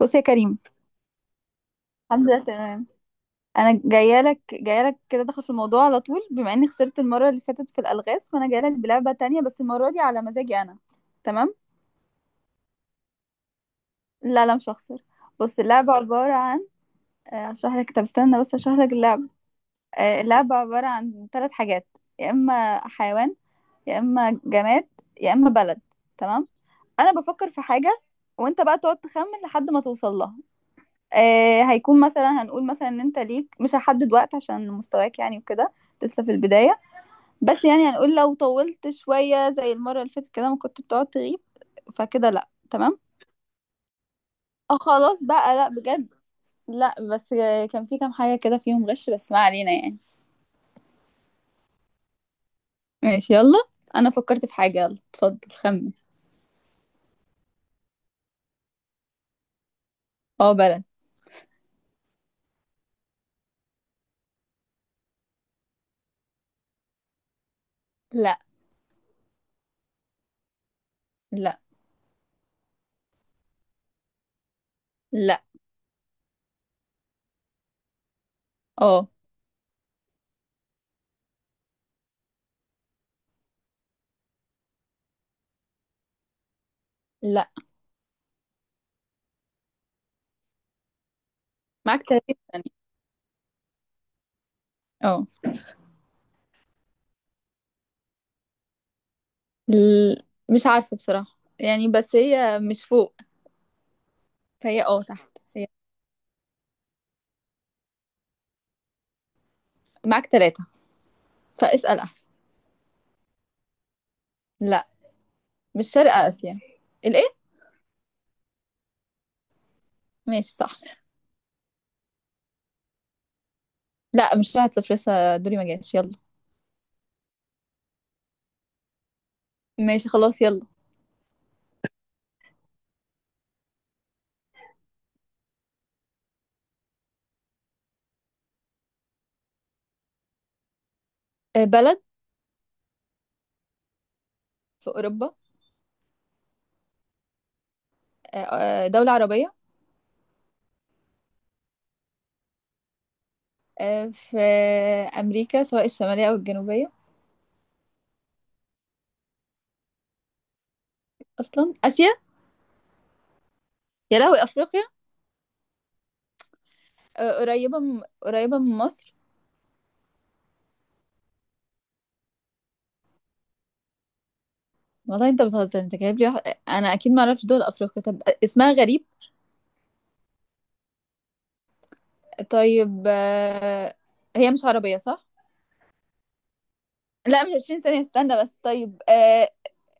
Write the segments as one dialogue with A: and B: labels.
A: بص يا كريم. الحمد لله تمام. انا جايه لك كده، داخل في الموضوع على طول. بما اني خسرت المره اللي فاتت في الالغاز، فانا جايه لك بلعبه تانية، بس المره دي على مزاجي انا. تمام. لا لا مش هخسر. بص، اللعبه عباره عن هشرح لك. طب استنى بس هشرح لك اللعبه. اللعبه عباره عن ثلاث حاجات. يا اما حيوان، يا اما جماد، يا اما بلد. تمام. انا بفكر في حاجه، وانت بقى تقعد تخمن لحد ما توصل لها. هيكون مثلا، هنقول مثلا ان انت ليك، مش هحدد وقت عشان مستواك يعني، وكده لسه في البداية. بس يعني هنقول لو طولت شوية زي المرة اللي فاتت كده، ما كنت بتقعد تغيب. فكده لا، تمام. اه خلاص بقى، لا بجد. لا بس كان في كام حاجة كده فيهم غش، بس ما علينا يعني. ماشي يلا. انا فكرت في حاجة، يلا اتفضل خمن. اه بلد. لا. لا لا. اه. لا. معاك 30 ثانية. اه. ل- مش عارفة بصراحة يعني، بس هي مش فوق. فهي اه تحت هي. معاك ثلاثة. فاسأل أحسن. لا مش شرق آسيا. الإيه؟ ماشي صح. لا مش واحد صفر، لسه دوري ما جاش، يلا. ماشي خلاص يلا. بلد. في أوروبا. آه، دولة عربية. في أمريكا، سواء الشمالية أو الجنوبية. أصلا آسيا. يا لهوي، أفريقيا. قريبة من مصر. والله أنت بتهزر، أنت جايب لي واحد. أنا أكيد ما أعرفش دول أفريقيا، طب اسمها غريب. طيب هي مش عربية صح؟ لا مش 20 ثانية، استنى بس. طيب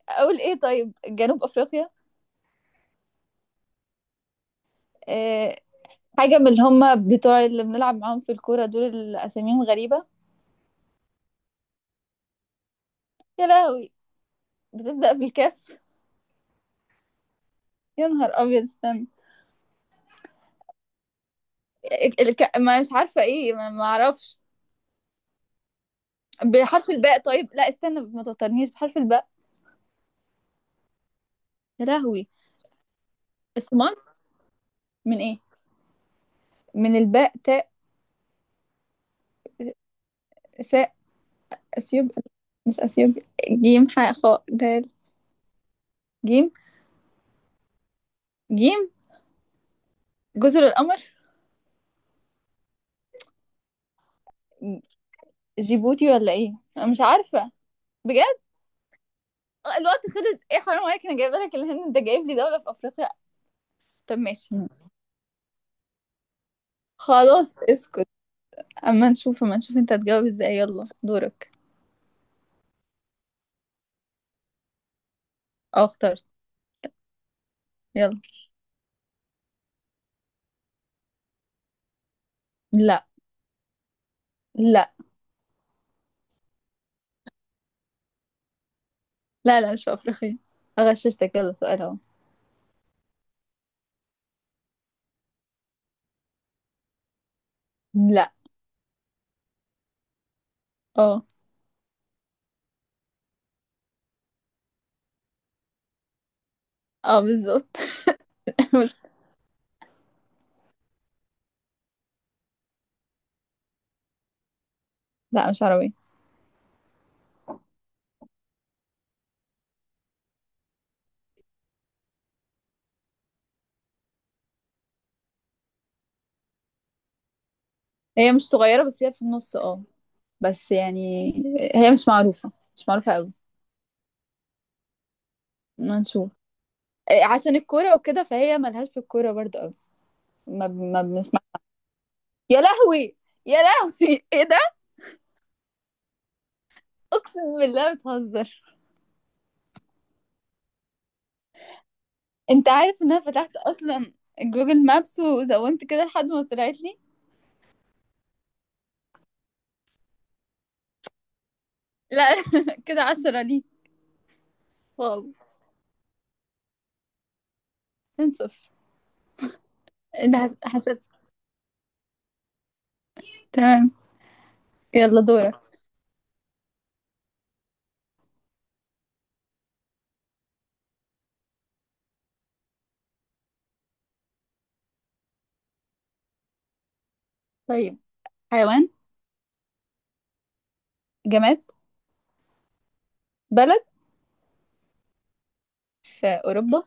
A: اقول ايه، طيب جنوب افريقيا. آه. حاجه من اللي هم بتوع اللي بنلعب معاهم في الكوره، دول اللي اساميهم غريبه. يا لهوي. بتبدا بالكاف. يا نهار ابيض استنى. ما مش عارفه ايه، ما اعرفش. بحرف الباء. طيب لا استنى ما توترنيش. بحرف الباء. يا لهوي. الصومال. من ايه؟ من الباء. تاء. ساء. اثيوب. مش اثيوب. جيم، حاء، خاء، دال. جيم جيم. جزر القمر. جيبوتي ولا ايه، أنا مش عارفه. بجد. الوقت خلص. ايه حرام عليك، انا جايبه لك الهند، انت جايب لي دوله في افريقيا. طب ماشي. خلاص اسكت. اما نشوف انت هتجاوب ازاي. يلا دورك. اه اخترت. يلا. لا. لا لا لا مش في افريقيا. اغششتك، يلا سؤال اهو. لا. اه. اه بالظبط. مش. لا مش عربية. هي مش صغيرة، بس هي في النص اه. بس يعني، هي مش معروفة، مش معروفة قوي. ما نشوف. إيه، عشان الكورة وكده، فهي ملهاش في الكورة برضه قوي. ما بنسمع. يا لهوي. يا لهوي. ايه ده. اقسم بالله بتهزر. انت عارف ان انا فتحت اصلا جوجل مابس، وزومت كده لحد ما طلعت لي. لا. كده عشرة لي. واو. اتنين صفر. انت حسبت. تمام. يلا دورك. طيب. حيوان. جماد. بلد. في اوروبا.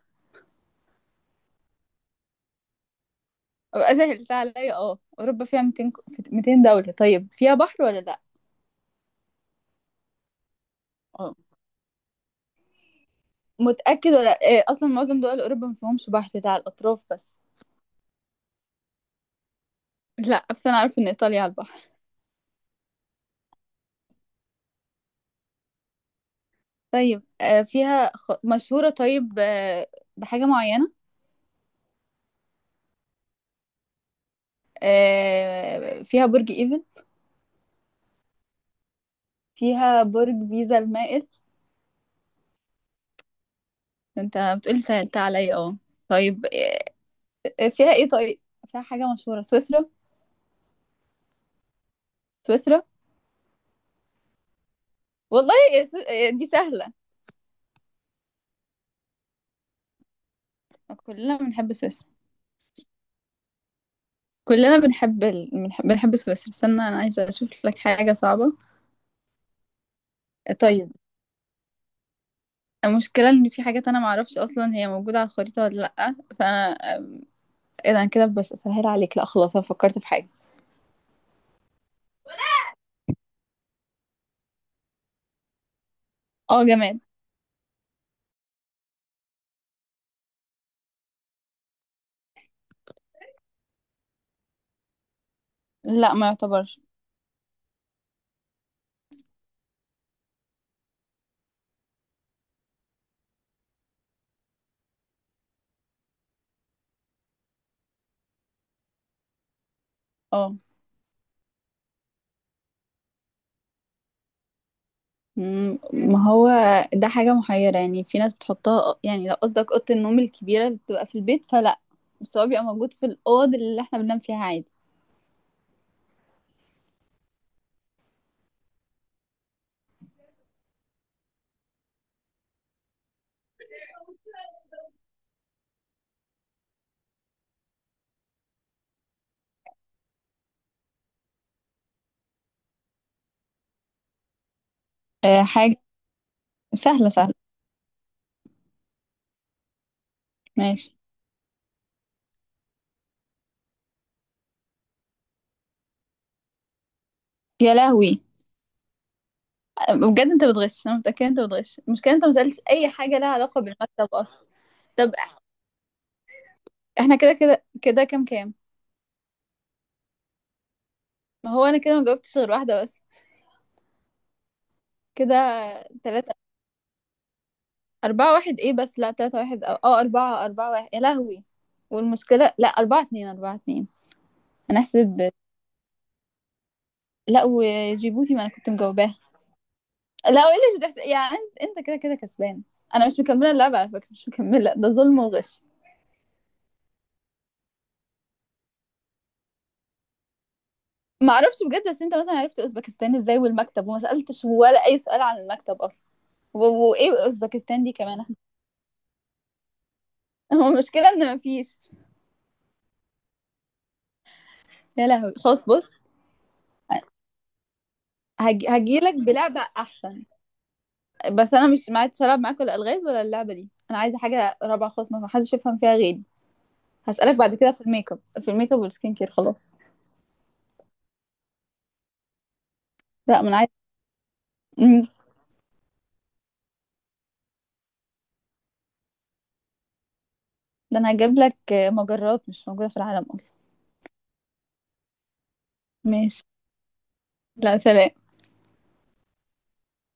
A: أبقى سهلت عليا اه، اوروبا فيها في 200 دولة. طيب فيها بحر ولا لا. اه. متأكد ولا إيه؟ اصلا معظم دول اوروبا ما فيهمش بحر، ده على الاطراف بس. لا بس انا عارفه ان ايطاليا على البحر. طيب مشهورة. طيب بحاجة معينة. فيها برج ايفل. فيها برج بيزا المائل. ده انت بتقولي سهلت عليا اه. طيب فيها ايه طيب. فيها حاجة مشهورة. سويسرا. سويسرا. والله يا سو... آه، دي سهلة. كلنا بنحب سويسرا. كلنا بنحب ال... بنحب بنحب سويسرا. استنى، انا عايزة اشوف لك حاجة صعبة. طيب. المشكلة ان في حاجات انا معرفش اصلا هي موجودة على الخريطة ولا لأ، فانا ايه ده، انا كده بسهل عليك. لا خلاص انا فكرت في حاجة. اه جماد. لا ما يعتبرش. اه. مم، ما هو ده حاجة محيرة يعني، في ناس بتحطها. يعني لو قصدك أوضة النوم الكبيرة اللي بتبقى في البيت فلا، بس هو بيبقى موجود في الأوض اللي احنا بننام فيها عادي. أه حاجة سهلة سهلة. ماشي. يا لهوي. بجد انت بتغش، انا متأكدة انت بتغش. المشكلة انت ما سألتش أي حاجة لها علاقة بالمكتب أصلا. طب احنا كده كام كام. ما هو أنا كده ما جاوبتش غير واحدة بس. كده تلاتة. أربعة واحد إيه بس، لا تلاتة واحد، أو أه أربعة، أربعة واحد يا لهوي. والمشكلة لا، أربعة اتنين، أربعة اتنين. أنا حسيت ب. لا وجيبوتي، ما أنا كنت مجاوباها. لا وليش ده يعني، أنت أنت كده كسبان. أنا مش مكملة اللعبة على فكرة، مش مكملة، ده ظلم وغش. ما أعرفش بجد، بس أنت مثلا عرفت أوزبكستان إزاي، والمكتب وما سألتش ولا أي سؤال عن المكتب أصلا. و... وإيه أوزبكستان دي كمان، احنا. هو المشكلة إن مفيش. يا لهوي خلاص بص. هجيلك بلعبة أحسن. بس انا مش معايا العب معاك ولا الغاز ولا اللعبه دي، انا عايزه حاجه رابعه خالص ما حدش يفهم فيها غيري. هسالك بعد كده في الميك اب، في الميك اب والسكين كير خلاص. لا ما انا عايزه. مم. ده انا هجيب لك مجرات مش موجوده في العالم اصلا. ماشي. لا سلام.